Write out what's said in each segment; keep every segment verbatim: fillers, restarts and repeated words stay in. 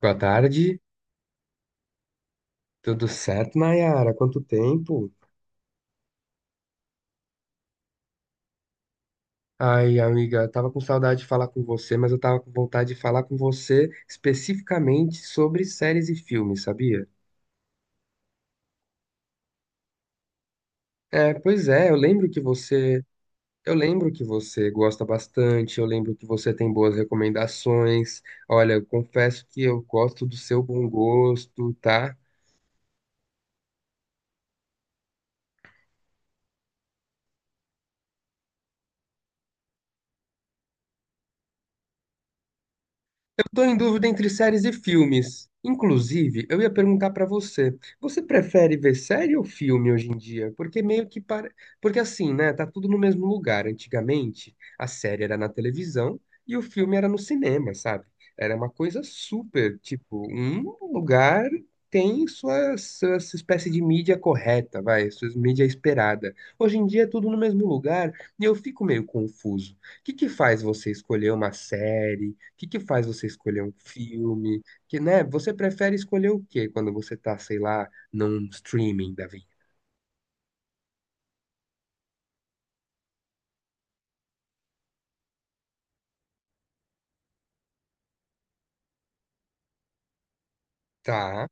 Boa tarde, tudo certo, Nayara? Quanto tempo? Ai, amiga, eu tava com saudade de falar com você, mas eu tava com vontade de falar com você especificamente sobre séries e filmes, sabia? É, pois é, eu lembro que você, eu lembro que você gosta bastante, eu lembro que você tem boas recomendações. Olha, eu confesso que eu gosto do seu bom gosto, tá? Estou em dúvida entre séries e filmes. Inclusive, eu ia perguntar para você, você prefere ver série ou filme hoje em dia? Porque meio que para, Porque assim, né, tá tudo no mesmo lugar. Antigamente, a série era na televisão e o filme era no cinema, sabe? Era uma coisa super, tipo, um lugar tem sua, sua, sua espécie de mídia correta, vai, sua mídia esperada. Hoje em dia é tudo no mesmo lugar e eu fico meio confuso. O que que faz você escolher uma série? O que que faz você escolher um filme? Que, né, você prefere escolher o quê quando você tá, sei lá, num streaming da vida? Tá.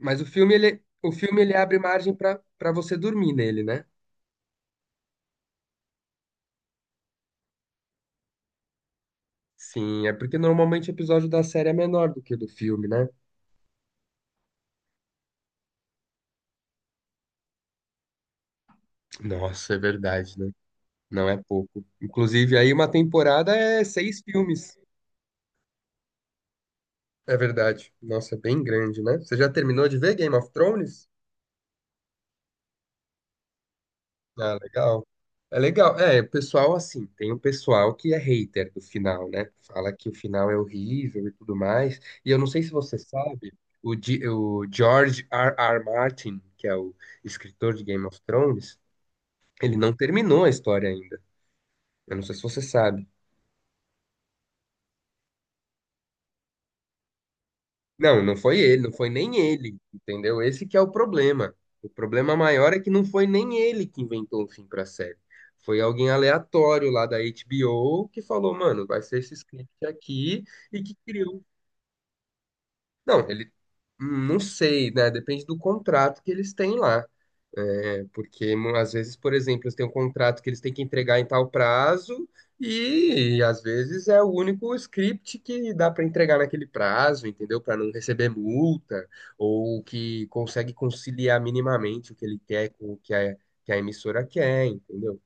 Mas o filme ele o filme ele abre margem pra para você dormir nele, né? Sim, é porque normalmente o episódio da série é menor do que o do filme, né? Nossa, é verdade, né? Não é pouco. Inclusive, aí uma temporada é seis filmes. É verdade. Nossa, é bem grande, né? Você já terminou de ver Game of Thrones? Ah, legal. É legal. É, o pessoal, assim, tem um pessoal que é hater do final, né? Fala que o final é horrível e tudo mais. E eu não sei se você sabe, o, G- o George R. R. Martin, que é o escritor de Game of Thrones, ele não terminou a história ainda. Eu não sei se você sabe. Não, não foi ele, não foi nem ele, entendeu? Esse que é o problema. O problema maior é que não foi nem ele que inventou um fim pra série. Foi alguém aleatório lá da HBO que falou, mano, vai ser esse script aqui e que criou não, ele. hum, Não sei, né? Depende do contrato que eles têm lá. É, porque mu- às vezes, por exemplo, eles têm um contrato que eles têm que entregar em tal prazo, e às vezes é o único script que dá para entregar naquele prazo, entendeu? Para não receber multa, ou que consegue conciliar minimamente o que ele quer com o que a, que a emissora quer, entendeu?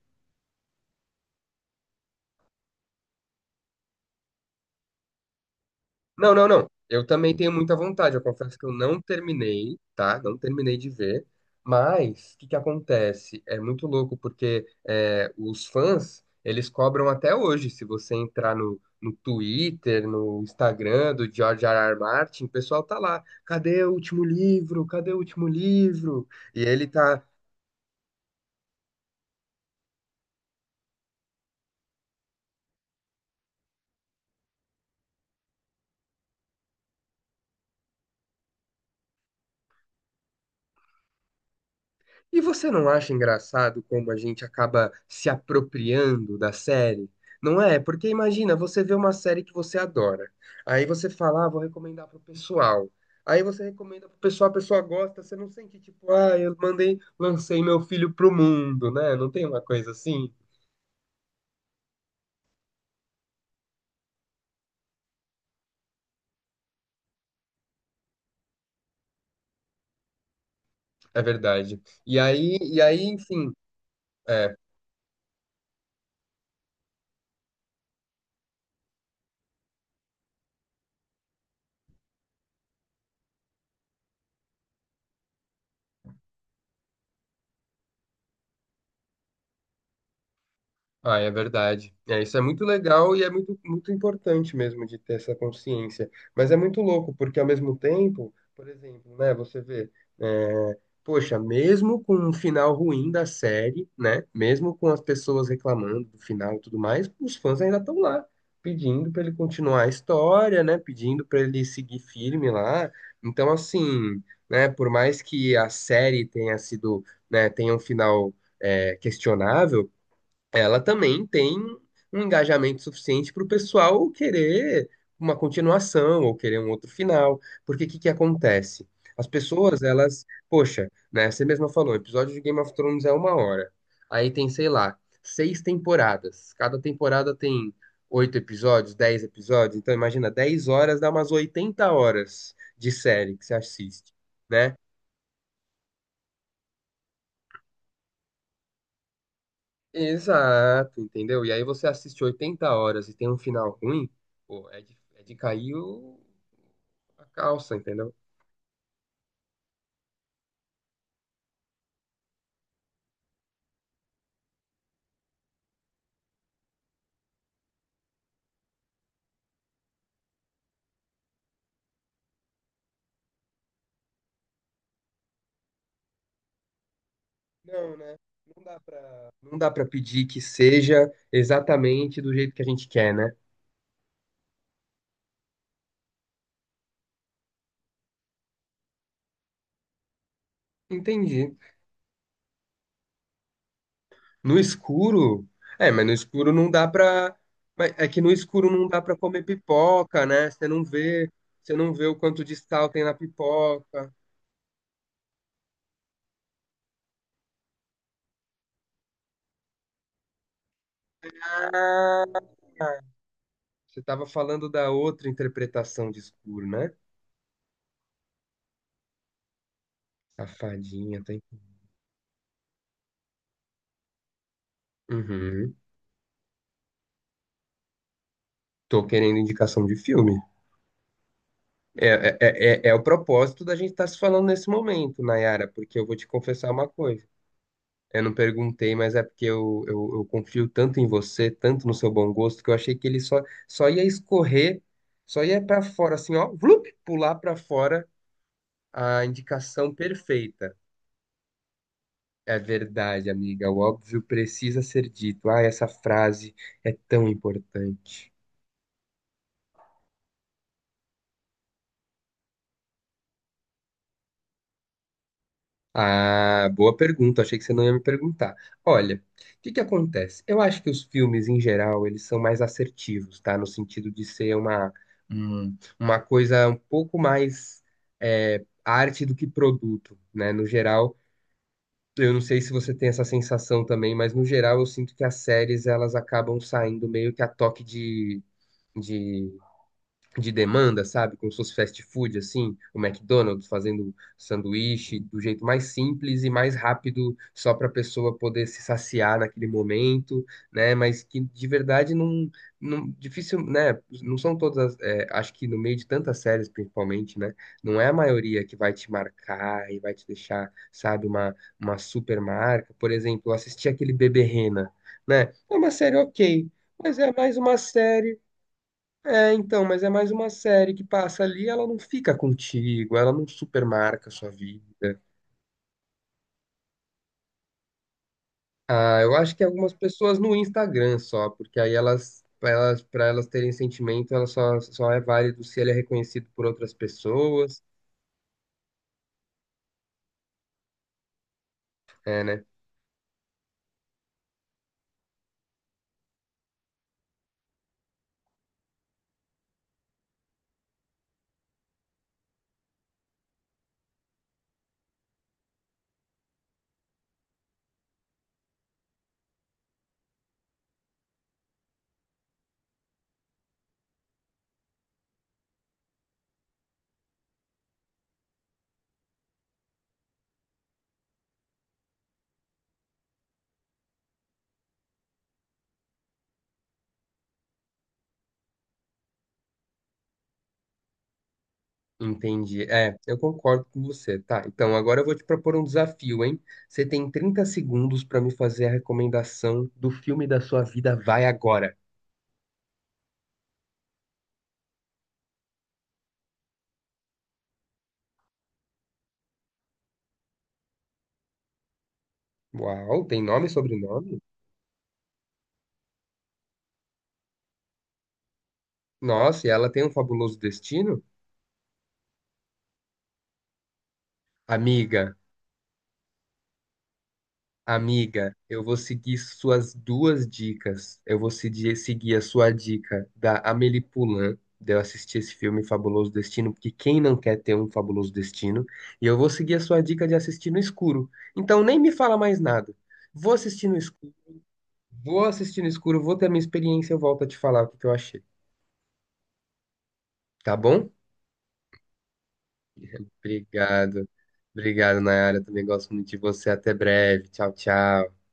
Não, não, não. Eu também tenho muita vontade. Eu confesso que eu não terminei, tá? Não terminei de ver. Mas o que que acontece? É muito louco porque é, os fãs eles cobram até hoje. Se você entrar no, no Twitter, no Instagram do George R. R. Martin, o pessoal tá lá. Cadê o último livro? Cadê o último livro? E ele tá E você não acha engraçado como a gente acaba se apropriando da série? Não é? Porque imagina, você vê uma série que você adora. Aí você fala, ah, vou recomendar pro pessoal. Aí você recomenda pro pessoal, a pessoa gosta, você não sente tipo, ah, eu mandei, lancei meu filho pro mundo, né? Não tem uma coisa assim? É verdade. E aí, e aí, enfim, é, Ah, é verdade. É, isso é muito legal e é muito, muito importante mesmo de ter essa consciência. Mas é muito louco, porque ao mesmo tempo, por exemplo, né, você vê, é, poxa, mesmo com um final ruim da série, né, mesmo com as pessoas reclamando do final e tudo mais, os fãs ainda estão lá, pedindo para ele continuar a história, né, pedindo para ele seguir firme lá. Então, assim, né, por mais que a série tenha sido, né, tenha um final, é, questionável, ela também tem um engajamento suficiente para o pessoal querer uma continuação ou querer um outro final. Porque o que que acontece? As pessoas, elas, poxa, né, você mesma falou, o episódio de Game of Thrones é uma hora. Aí tem, sei lá, seis temporadas. Cada temporada tem oito episódios, dez episódios. Então imagina, dez horas dá umas oitenta horas de série que você assiste. Né? Exato, entendeu? E aí você assiste oitenta horas e tem um final ruim, pô, é de, é de cair o- a calça, entendeu? Não, né? Não dá pra... Não dá pra pedir que seja exatamente do jeito que a gente quer, né? Entendi. No escuro? É, mas no escuro não dá pra... mas É que no escuro não dá pra comer pipoca, né? Você não vê, você não vê o quanto de sal tem na pipoca. Ah, você tava falando da outra interpretação de escuro, né? Safadinha, tá? Uhum. Tô querendo indicação de filme. É, é, é, é é o propósito da gente estar se falando nesse momento, Nayara, porque eu vou te confessar uma coisa. Eu não perguntei, mas é porque eu, eu, eu confio tanto em você, tanto no seu bom gosto, que eu achei que ele só, só ia escorrer, só ia pra fora, assim, ó, vlup, pular pra fora a indicação perfeita. É verdade, amiga, o óbvio precisa ser dito. Ah, essa frase é tão importante. Ah, boa pergunta. Achei que você não ia me perguntar. Olha, o que que acontece? Eu acho que os filmes, em geral, eles são mais assertivos, tá? No sentido de ser uma, um- uma coisa um pouco mais é, arte do que produto, né? No geral, eu não sei se você tem essa sensação também, mas no geral eu sinto que as séries, elas acabam saindo meio que a toque de, de demanda, sabe? Como se fosse fast food, assim, o McDonald's fazendo sanduíche do jeito mais simples e mais rápido, só para a pessoa poder se saciar naquele momento, né? Mas que de verdade não, não difícil, né? Não são todas, as- é, acho que no meio de tantas séries, principalmente, né? Não é a maioria que vai te marcar e vai te deixar, sabe, uma, uma super marca. Por exemplo, eu assisti aquele Bebê Rena, né? É uma série ok. Mas é mais uma série é, então, mas é mais uma série que passa ali, ela não fica contigo, ela não supermarca a sua vida. Ah, eu acho que algumas pessoas no Instagram só, porque aí elas, pra elas, para elas terem sentimento, ela só, só é válido se ele é reconhecido por outras pessoas. É, né? Entendi. É, eu concordo com você. Tá, então agora eu vou te propor um desafio, hein? Você tem trinta segundos para me fazer a recomendação do filme da sua vida, vai agora. Uau, tem nome e sobrenome? Nossa, e ela tem um fabuloso destino? Amiga, amiga, eu vou seguir suas duas dicas. Eu vou seguir, seguir a sua dica da Amélie Poulain, de eu assistir esse filme Fabuloso Destino, porque quem não quer ter um fabuloso destino? E eu vou seguir a sua dica de assistir no escuro. Então nem me fala mais nada. Vou assistir no escuro, vou assistir no escuro, vou ter minha experiência, eu volto a te falar o que que eu achei. Tá bom? Obrigado. Obrigado, Nayara. Também gosto muito de você. Até breve. Tchau, tchau.